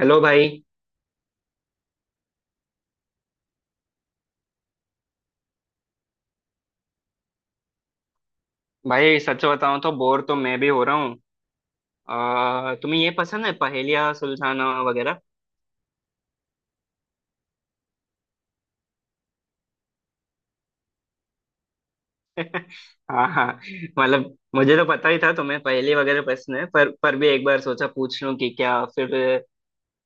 Hello भाई। भाई सच बताऊं तो बोर तो मैं भी हो रहा हूँ। तुम्हें ये पसंद है पहेलियाँ सुलझाना वगैरह? हाँ हाँ। मतलब मुझे तो पता ही था तुम्हें पहेली वगैरह पसंद है, पर भी एक बार सोचा पूछ लूं कि क्या फिर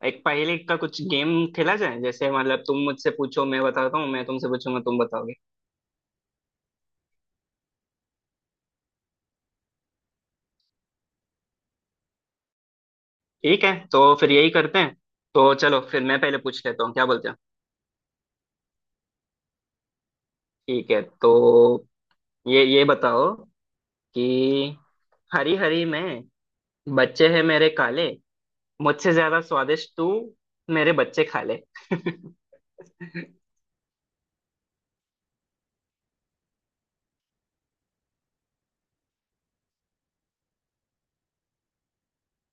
एक पहेली का कुछ गेम खेला जाए। जैसे मतलब तुम मुझसे पूछो मैं बताता हूँ, मैं तुमसे पूछूंगा तुम बताओगे। ठीक है, तो फिर यही करते हैं। तो चलो फिर मैं पहले पूछ लेता हूँ, क्या बोलते हो? ठीक है, तो ये बताओ कि हरी हरी में बच्चे हैं मेरे काले, मुझसे ज्यादा स्वादिष्ट तू मेरे बच्चे खा ले।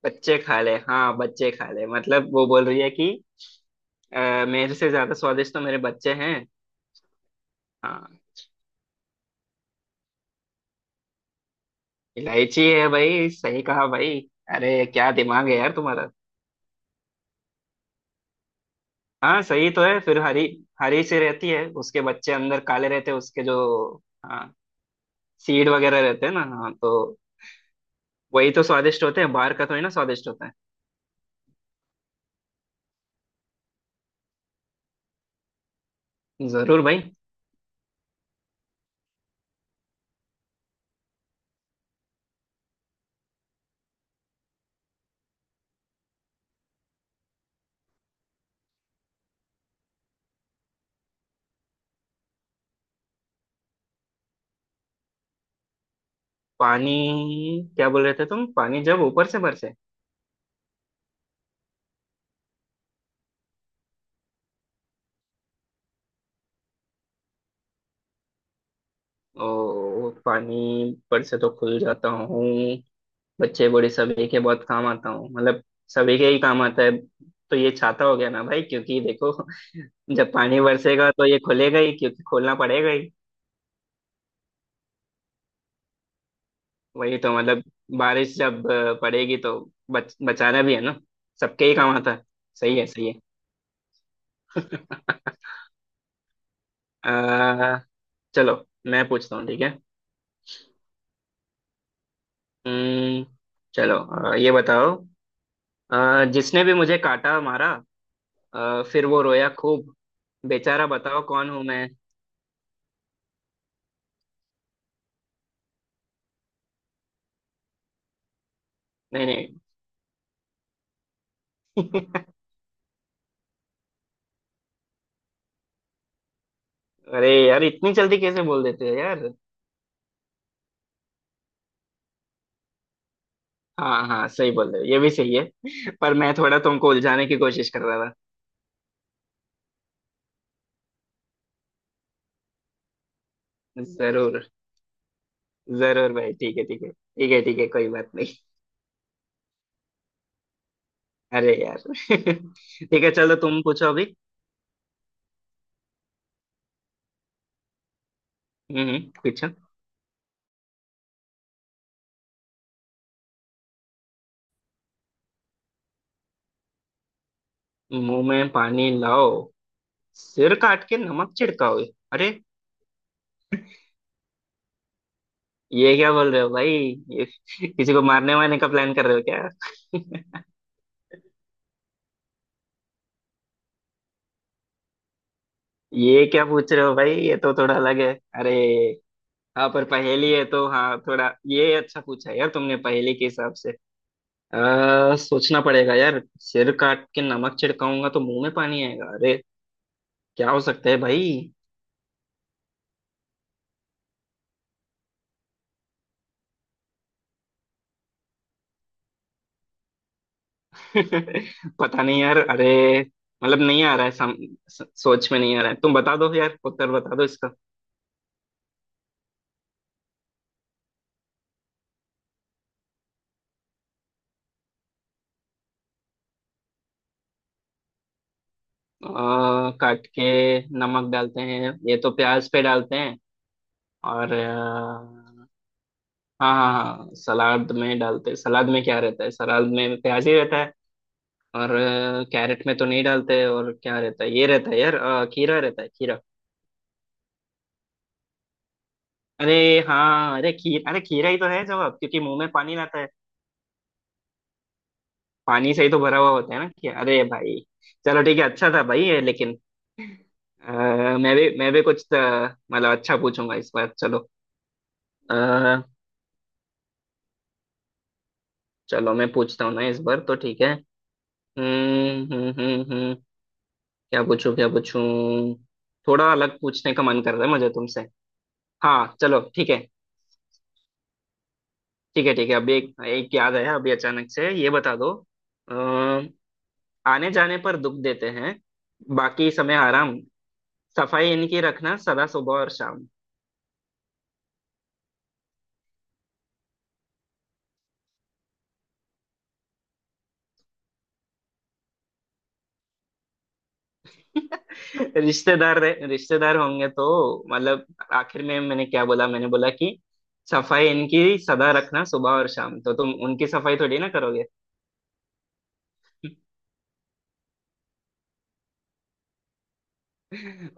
बच्चे खा ले, हाँ बच्चे खा ले, मतलब वो बोल रही है कि अ, मेरे से ज्यादा स्वादिष्ट तो मेरे बच्चे हैं। हाँ, इलायची है भाई, सही कहा भाई। अरे क्या दिमाग है यार तुम्हारा। हाँ सही तो है, फिर हरी हरी सी रहती है, उसके बच्चे अंदर काले रहते हैं उसके जो। हाँ, सीड वगैरह रहते हैं ना, हाँ तो वही तो स्वादिष्ट होते हैं, बाहर का थोड़ी ना स्वादिष्ट होता है। जरूर भाई। पानी, क्या बोल रहे थे तुम? पानी जब ऊपर से बरसे और पानी पर से तो खुल जाता हूँ, बच्चे बूढ़े सभी के बहुत काम आता हूँ, मतलब सभी के ही काम आता है, तो ये छाता हो गया ना भाई, क्योंकि देखो, जब पानी बरसेगा तो ये खुलेगा ही क्योंकि खोलना पड़ेगा ही। वही तो मतलब, बारिश जब पड़ेगी तो बचाना भी है ना, सबके ही काम आता है। सही है सही है। आ, चलो मैं पूछता हूँ, ठीक है। अम्म, चलो। ये बताओ, जिसने भी मुझे काटा मारा, फिर वो रोया खूब बेचारा, बताओ कौन हूँ मैं? नहीं नहीं। अरे यार इतनी जल्दी कैसे बोल देते हो यार। हाँ हाँ सही बोल रहे हो, ये भी सही है, पर मैं थोड़ा तुमको उलझाने की कोशिश कर रहा था। जरूर जरूर भाई, ठीक है ठीक है ठीक है ठीक है, कोई बात नहीं। अरे यार। ठीक है चलो, तुम पूछो अभी। पूछो। मुंह में पानी लाओ, सिर काट के नमक छिड़काओ, अरे ये क्या बोल रहे हो भाई? ये किसी को मारने वारने का प्लान कर रहे हो क्या? ये क्या पूछ रहे हो भाई, ये तो थोड़ा अलग है, अरे। हाँ पर पहेली है तो, हाँ थोड़ा ये अच्छा पूछा यार तुमने पहेली के हिसाब से। सोचना पड़ेगा यार, सिर काट के नमक छिड़काऊंगा तो मुंह में पानी आएगा, अरे क्या हो सकता है भाई। पता नहीं यार, अरे मतलब नहीं आ रहा है, सोच में नहीं आ रहा है, तुम बता दो यार, उत्तर बता दो इसका। काट के नमक डालते हैं ये तो प्याज पे डालते हैं, और हाँ हाँ हाँ, सलाद में डालते, सलाद में क्या रहता है? सलाद में प्याज ही रहता है, और कैरेट में तो नहीं डालते, और क्या रहता है? ये रहता है यार, खीरा रहता है खीरा। अरे हाँ, अरे खीर, अरे खीरा ही तो है जवाब, क्योंकि मुंह में पानी लाता है, पानी से ही तो भरा हुआ होता है ना खीरा, अरे भाई। चलो ठीक है, अच्छा था भाई ये लेकिन। अ, मैं भी कुछ मतलब अच्छा पूछूंगा इस बार। चलो, अ, चलो मैं पूछता हूँ ना इस बार, तो ठीक है। हम्म। क्या पूछूं क्या पूछूं, थोड़ा अलग पूछने का मन कर रहा है मुझे तुमसे। हाँ चलो ठीक है, ठीक है ठीक है। अभी एक एक याद आया अभी, अचानक से ये बता दो। अम, आने जाने पर दुख देते हैं, बाकी समय आराम, सफाई इनकी रखना सदा सुबह और शाम। रिश्तेदार होंगे तो, मतलब आखिर में मैंने क्या बोला? मैंने बोला कि सफाई इनकी सदा रखना सुबह और शाम, तो तुम उनकी सफाई थोड़ी ना करोगे।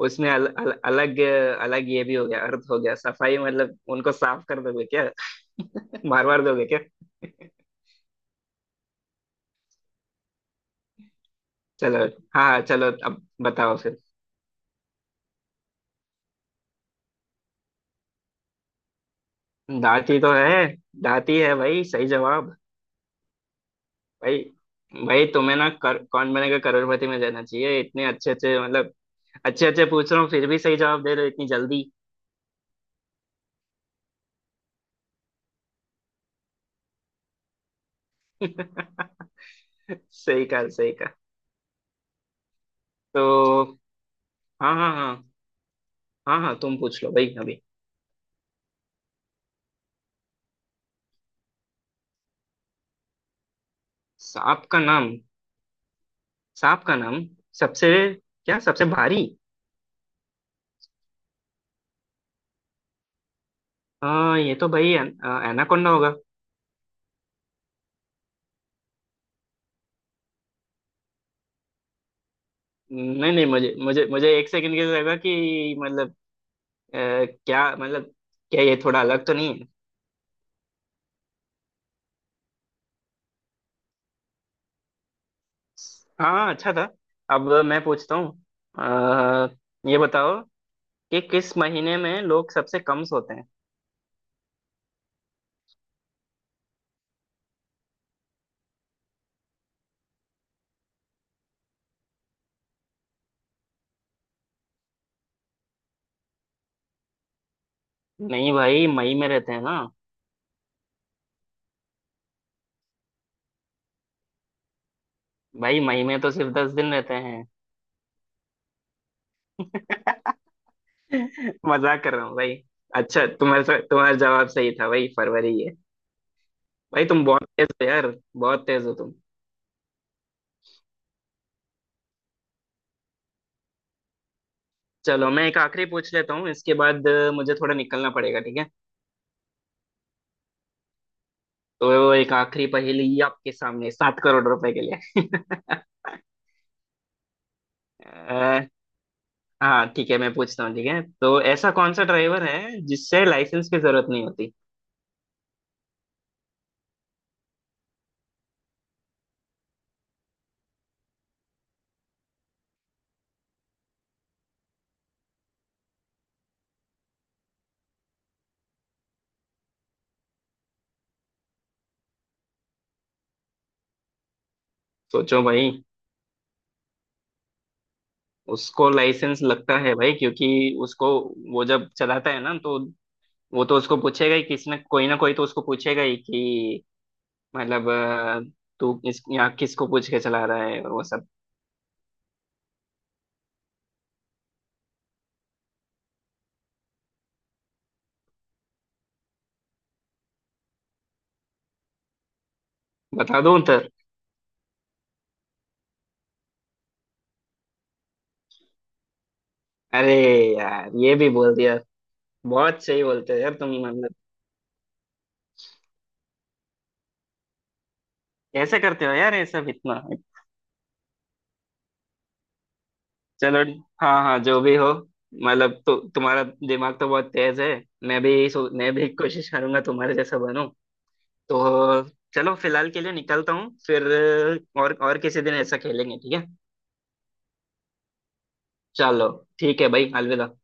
उसमें अल, अल, अलग अलग ये भी हो गया अर्थ, हो गया सफाई मतलब उनको साफ कर दोगे क्या? मार मार दोगे क्या? चलो, हाँ हाँ, चलो अब बताओ फिर। दाती तो है, दाती है भाई, सही जवाब। भाई, भाई तुम्हें ना, कौन बनेगा करोड़पति में जाना चाहिए, इतने अच्छे अच्छे मतलब अच्छे अच्छे पूछ रहा हूँ फिर भी सही जवाब दे रहे हो इतनी जल्दी। सही कहा सही कहा। तो हाँ हाँ हाँ हाँ हाँ, तुम पूछ लो भाई अभी। सांप का नाम सांप का नाम सबसे, क्या सबसे भारी? हाँ ये तो भाई, एनाकोंडा होगा। नहीं नहीं, मुझे मुझे मुझे एक सेकंड के लिए लगा कि मतलब अ, क्या मतलब, क्या ये थोड़ा अलग तो नहीं है। हाँ अच्छा था। अब मैं पूछता हूँ, अ, ये बताओ कि किस महीने में लोग सबसे कम सोते हैं? नहीं भाई, मई में रहते हैं ना? भाई मई में तो सिर्फ 10 दिन रहते हैं। मजाक कर रहा हूँ भाई। अच्छा, तुम्हारा तुम्हारा जवाब सही था भाई, फरवरी है। भाई तुम बहुत तेज हो यार, बहुत तेज हो तुम। चलो मैं एक आखिरी पूछ लेता हूँ, इसके बाद मुझे थोड़ा निकलना पड़ेगा, ठीक है। तो एक आखिरी पहेली आपके सामने, 7 करोड़ रुपए के लिए। अ, हाँ ठीक है, मैं पूछता हूँ ठीक है, तो ऐसा कौन सा ड्राइवर है जिससे लाइसेंस की जरूरत नहीं होती? सोचो भाई, उसको लाइसेंस लगता है भाई क्योंकि उसको, वो जब चलाता है ना, तो वो तो उसको पूछेगा ही, किसी ना कोई तो उसको पूछेगा ही कि मतलब तू इस यहाँ किसको पूछ के चला रहा है, और वो सब। बता दूं उत्तर? अरे यार ये भी बोल दिया। बहुत सही बोलते हो यार तुम, मतलब कैसे करते हो यार ये सब इतना। चलो, हाँ हाँ, जो भी हो, मतलब तो तुम्हारा दिमाग तो बहुत तेज है, मैं भी मैं भी कोशिश करूंगा तुम्हारे जैसा बनूं। तो चलो फिलहाल के लिए निकलता हूँ फिर, और किसी दिन ऐसा खेलेंगे, ठीक है। चलो, ठीक है भाई, अलविदा।